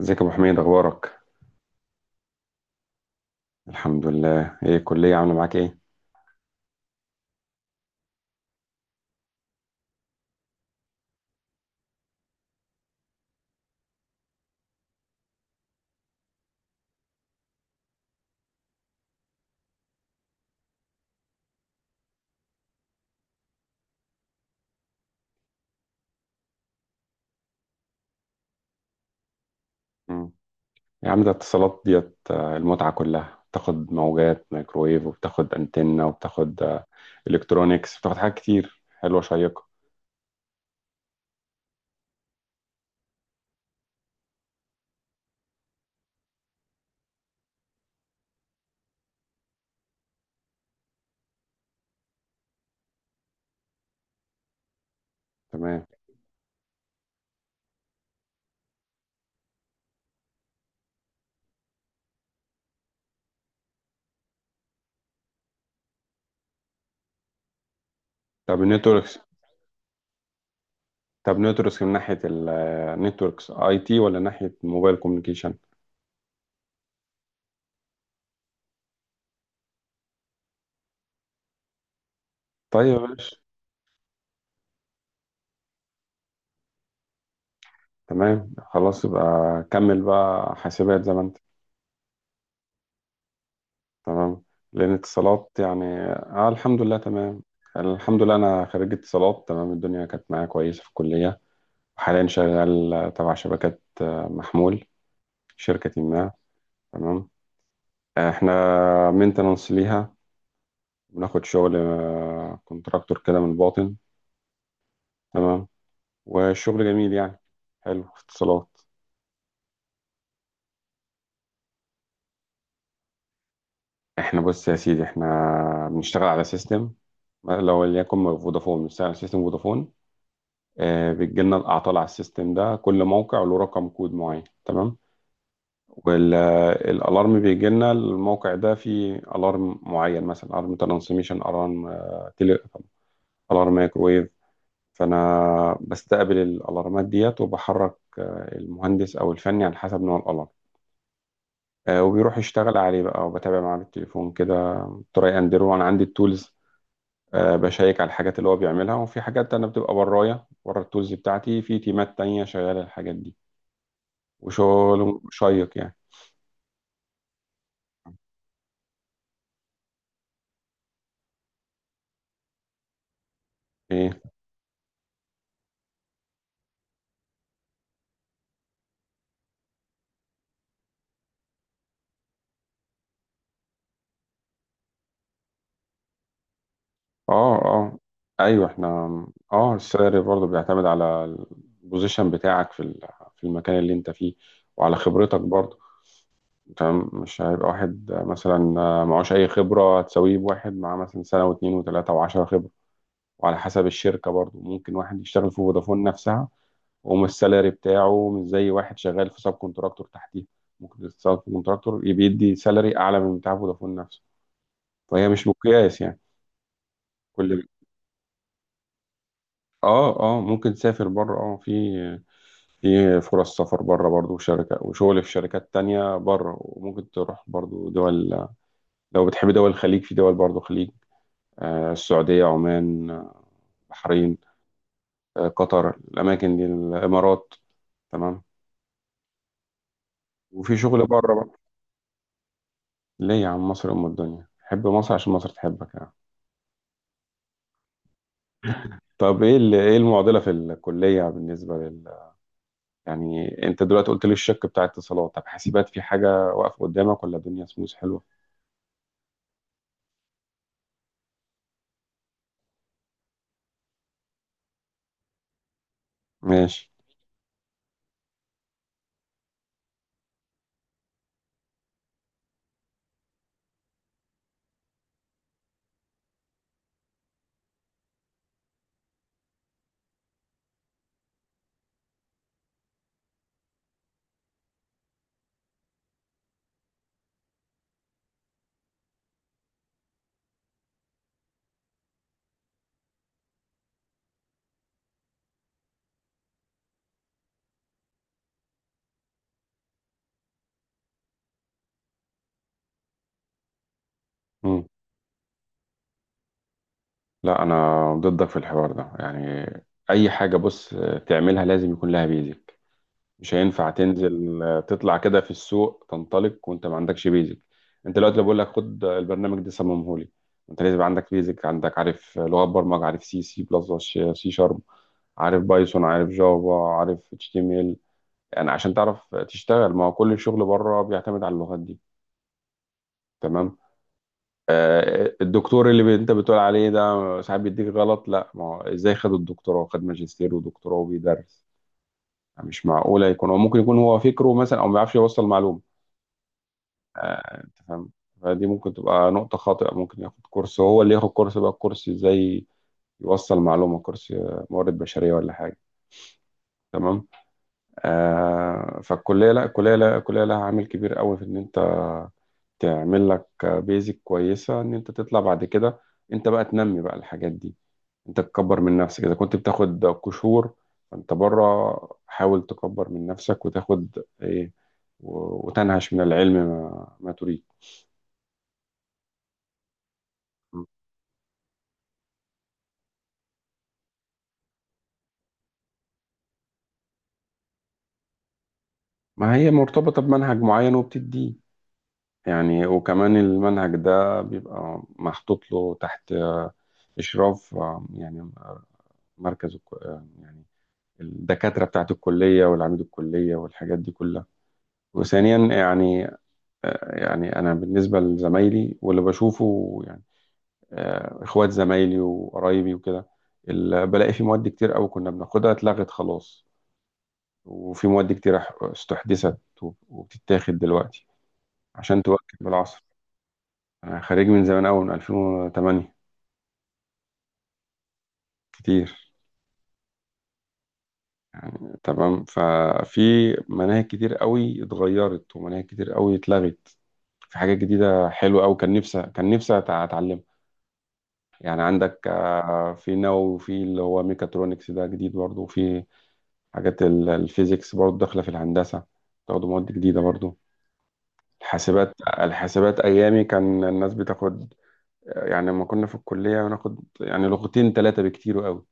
ازيك يا ابو حميد اخبارك؟ الحمد لله، ايه الكليه عامله معاك ايه؟ مم. يا عم ده اتصالات ديت، المتعه كلها، بتاخد موجات مايكرويف وبتاخد انتنه وبتاخد الكترونيكس، بتاخد حاجات كتير حلوه شيقه. تمام. طب النتوركس، طب نتوركس من ناحيه، النتوركس اي تي ولا ناحيه موبايل كوميونيكيشن؟ طيب يا باشا، تمام خلاص، يبقى كمل بقى حاسبات زي ما انت. تمام، لأن اتصالات يعني. آه الحمد لله تمام، الحمد لله. أنا خريج اتصالات، تمام، الدنيا كانت معايا كويسة في الكلية، وحاليا شغال تبع شبكات محمول، شركة ما. تمام. احنا مينتنانس ليها، بناخد شغل كونتراكتور كده من الباطن. تمام. والشغل جميل يعني، حلو في اتصالات. احنا بص يا سيدي، احنا بنشتغل على سيستم، لو ليكن فودافون بنشتغل على سيستم فودافون. بتجي لنا الاعطال على السيستم ده، كل موقع له رقم كود معين، تمام. والالارم بيجي لنا، الموقع ده فيه الارم معين، مثلا الارم ترانسميشن الارم تيلي، الارم مايكرويف. فانا بستقبل الالارمات ديت، وبحرك المهندس او الفني على حسب نوع الالارم، وبيروح يشتغل عليه بقى، وبتابع معاه بالتليفون كده. تراي اندرو، انا عندي التولز، بشيك على الحاجات اللي هو بيعملها، وفي حاجات انا بتبقى برايا بره التولز بتاعتي، في تيمات تانية شغاله الحاجات دي. وشغل شيق يعني. ايه؟ اه اه. ايوه، احنا، اه، السعر برضه بيعتمد على البوزيشن بتاعك في في المكان اللي انت فيه، وعلى خبرتك برضه. تمام، مش هيبقى واحد مثلا معهوش اي خبره هتساويه بواحد معاه مثلا سنه واتنين وتلاته وعشرة خبره. وعلى حسب الشركه برضه، ممكن واحد يشتغل في فودافون نفسها ومش، السالري بتاعه مش زي واحد شغال في سب كونتراكتور تحتيه. ممكن السب كونتراكتور يبقى يدي سالري اعلى من بتاع فودافون نفسه، فهي مش مقياس يعني. كل، اه اه، ممكن تسافر بره، اه، في فرص سفر بره برضو، وشركة وشغل في شركات تانية بره. وممكن تروح برضو دول، لو بتحب دول الخليج، في دول برضو خليج، آه السعودية، عمان، بحرين، آه قطر، الأماكن دي، الإمارات. تمام، وفي شغل بره بقى. ليه يا عم؟ مصر أم الدنيا، حب مصر عشان مصر تحبك يعني. طب ايه ايه المعضلة في الكلية بالنسبة لل، يعني انت دلوقتي قلت لي الشق بتاع اتصالات، طب حاسبات في حاجة واقفة قدامك ولا الدنيا سموث حلوة؟ ماشي. مم. لا انا ضدك في الحوار ده يعني. اي حاجه بص تعملها لازم يكون لها بيزك، مش هينفع تنزل تطلع كده في السوق تنطلق وانت ما عندكش بيزك. انت دلوقتي لو بقول لك خد البرنامج ده صممه لي، انت لازم عندك بيزك، عندك، عارف لغات برمجه، عارف سي سي بلس، سي شارب، عارف بايثون، عارف جافا، عارف اتش تي ام ال، يعني عشان تعرف تشتغل. ما هو كل الشغل بره بيعتمد على اللغات دي، تمام. الدكتور اللي انت بتقول عليه ده ساعات بيديك غلط، لا ما هو ازاي؟ خد الدكتوراه، خد ماجستير ودكتوراه وبيدرس، مش معقولة يكون هو، ممكن يكون هو فكره مثلا، او ما بيعرفش يوصل معلومة، انت فاهم. فدي ممكن تبقى نقطة خاطئة، ممكن ياخد كورس، هو اللي ياخد كورس بقى، كورس ازاي يوصل معلومة، كورس موارد بشرية ولا حاجة. تمام. فالكلية، لا الكلية، لا الكلية لها عامل كبير قوي في ان انت تعمل لك بيزك كويسة، ان انت تطلع بعد كده انت بقى تنمي بقى الحاجات دي. انت تكبر من نفسك، اذا كنت بتاخد قشور فانت بره حاول تكبر من نفسك وتاخد ايه، وتنهش من العلم ما, ما تريد. ما هي مرتبطة بمنهج معين وبتديه يعني، وكمان المنهج ده بيبقى محطوط له تحت إشراف يعني مركز يعني الدكاترة بتاعت الكلية والعميد الكلية والحاجات دي كلها. وثانيا يعني، يعني أنا بالنسبة لزمايلي واللي بشوفه، اخوات زمايلي وقرايبي وكده، بلاقي في مواد كتير قوي كنا بناخدها اتلغت خلاص، وفي مواد كتير استحدثت وبتتاخد دلوقتي عشان تواكب بالعصر. انا خريج من زمان قوي، من 2008، كتير يعني. تمام، ففي مناهج كتير قوي اتغيرت، ومناهج كتير قوي اتلغت، في حاجات جديدة حلوة قوي، كان نفسي اتعلمها. يعني عندك في نووي، وفي اللي هو ميكاترونكس ده جديد برضه، وفي حاجات الفيزيكس برضو داخلة في الهندسة، تاخدوا مواد جديدة برضو. الحاسبات، الحاسبات أيامي كان الناس بتاخد، يعني لما كنا في الكلية بناخد يعني لغتين ثلاثة بكتير قوي،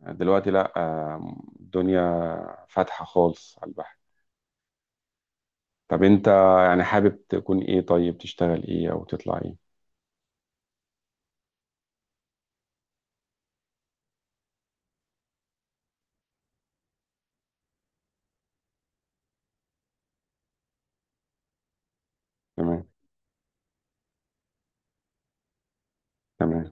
دلوقتي لا، الدنيا فاتحة خالص على البحر. طب أنت يعني حابب تكون إيه؟ طيب تشتغل إيه أو تطلع إيه؟ تمام. تمام.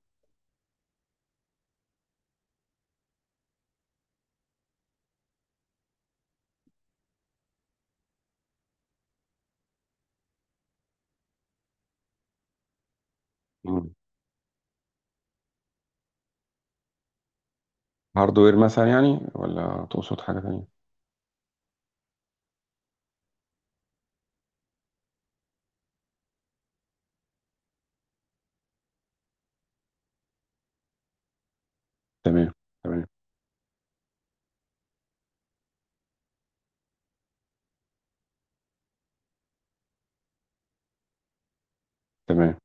مم. هاردوير مثلا يعني، ولا تقصد حاجة تانية؟ تمام. تمام. تمام.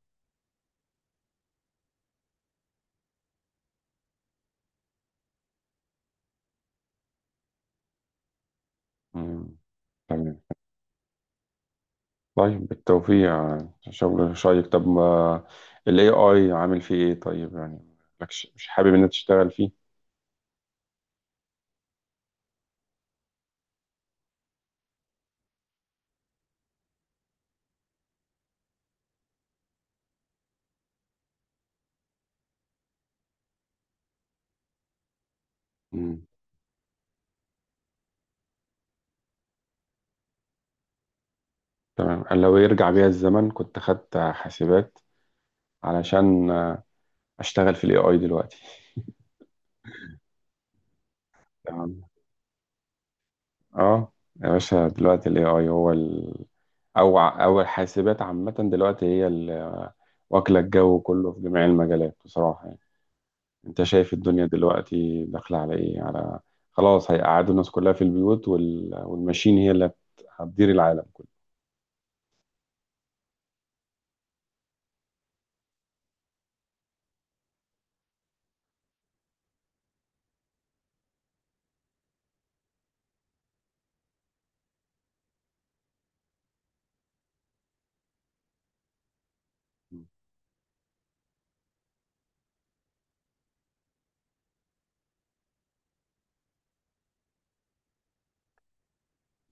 مم. تمام. طيب بالتوفيق، شغل شيق. طب ما ال AI عامل فيه ايه طيب يعني؟ مالكش- مش حابب انك تشتغل فيه؟ مم. تمام. أنا لو يرجع بيا الزمن كنت خدت حاسبات علشان اشتغل في ال AI دلوقتي. تمام. اه، يا باشا، دلوقتي ال AI هو ال... او او الحاسبات عامة دلوقتي هي واكلة الجو كله في جميع المجالات بصراحة يعني. انت شايف الدنيا دلوقتي داخلة على ايه؟ على، خلاص، هيقعدوا الناس كلها في البيوت، وال... والماشين هي اللي هتدير العالم كله.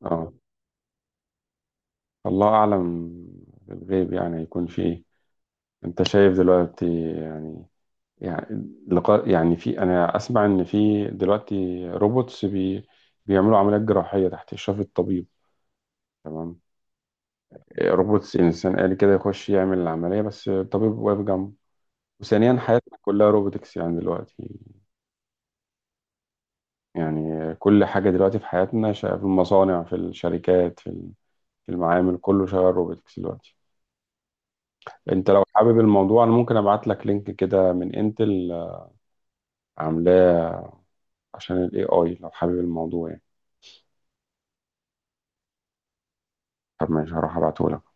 اه، الله اعلم بالغيب، يعني هيكون في ايه. انت شايف دلوقتي، يعني، يعني لقاء، يعني، في، انا اسمع ان في دلوقتي روبوتس بيعملوا عمليات جراحية تحت اشراف الطبيب، تمام. إيه، روبوتس، انسان آلي كده يخش يعمل العملية بس الطبيب واقف جنبه. وثانيا حياتنا كلها روبوتكس يعني دلوقتي. يعني كل حاجة دلوقتي في حياتنا في المصانع، في الشركات، في في المعامل، كله شغال روبوتكس دلوقتي. انت لو حابب الموضوع انا ممكن ابعت لك لينك كده من انتل عاملاه عشان الاي اي، لو حابب الموضوع يعني. طب ماشي، هروح ابعته لك.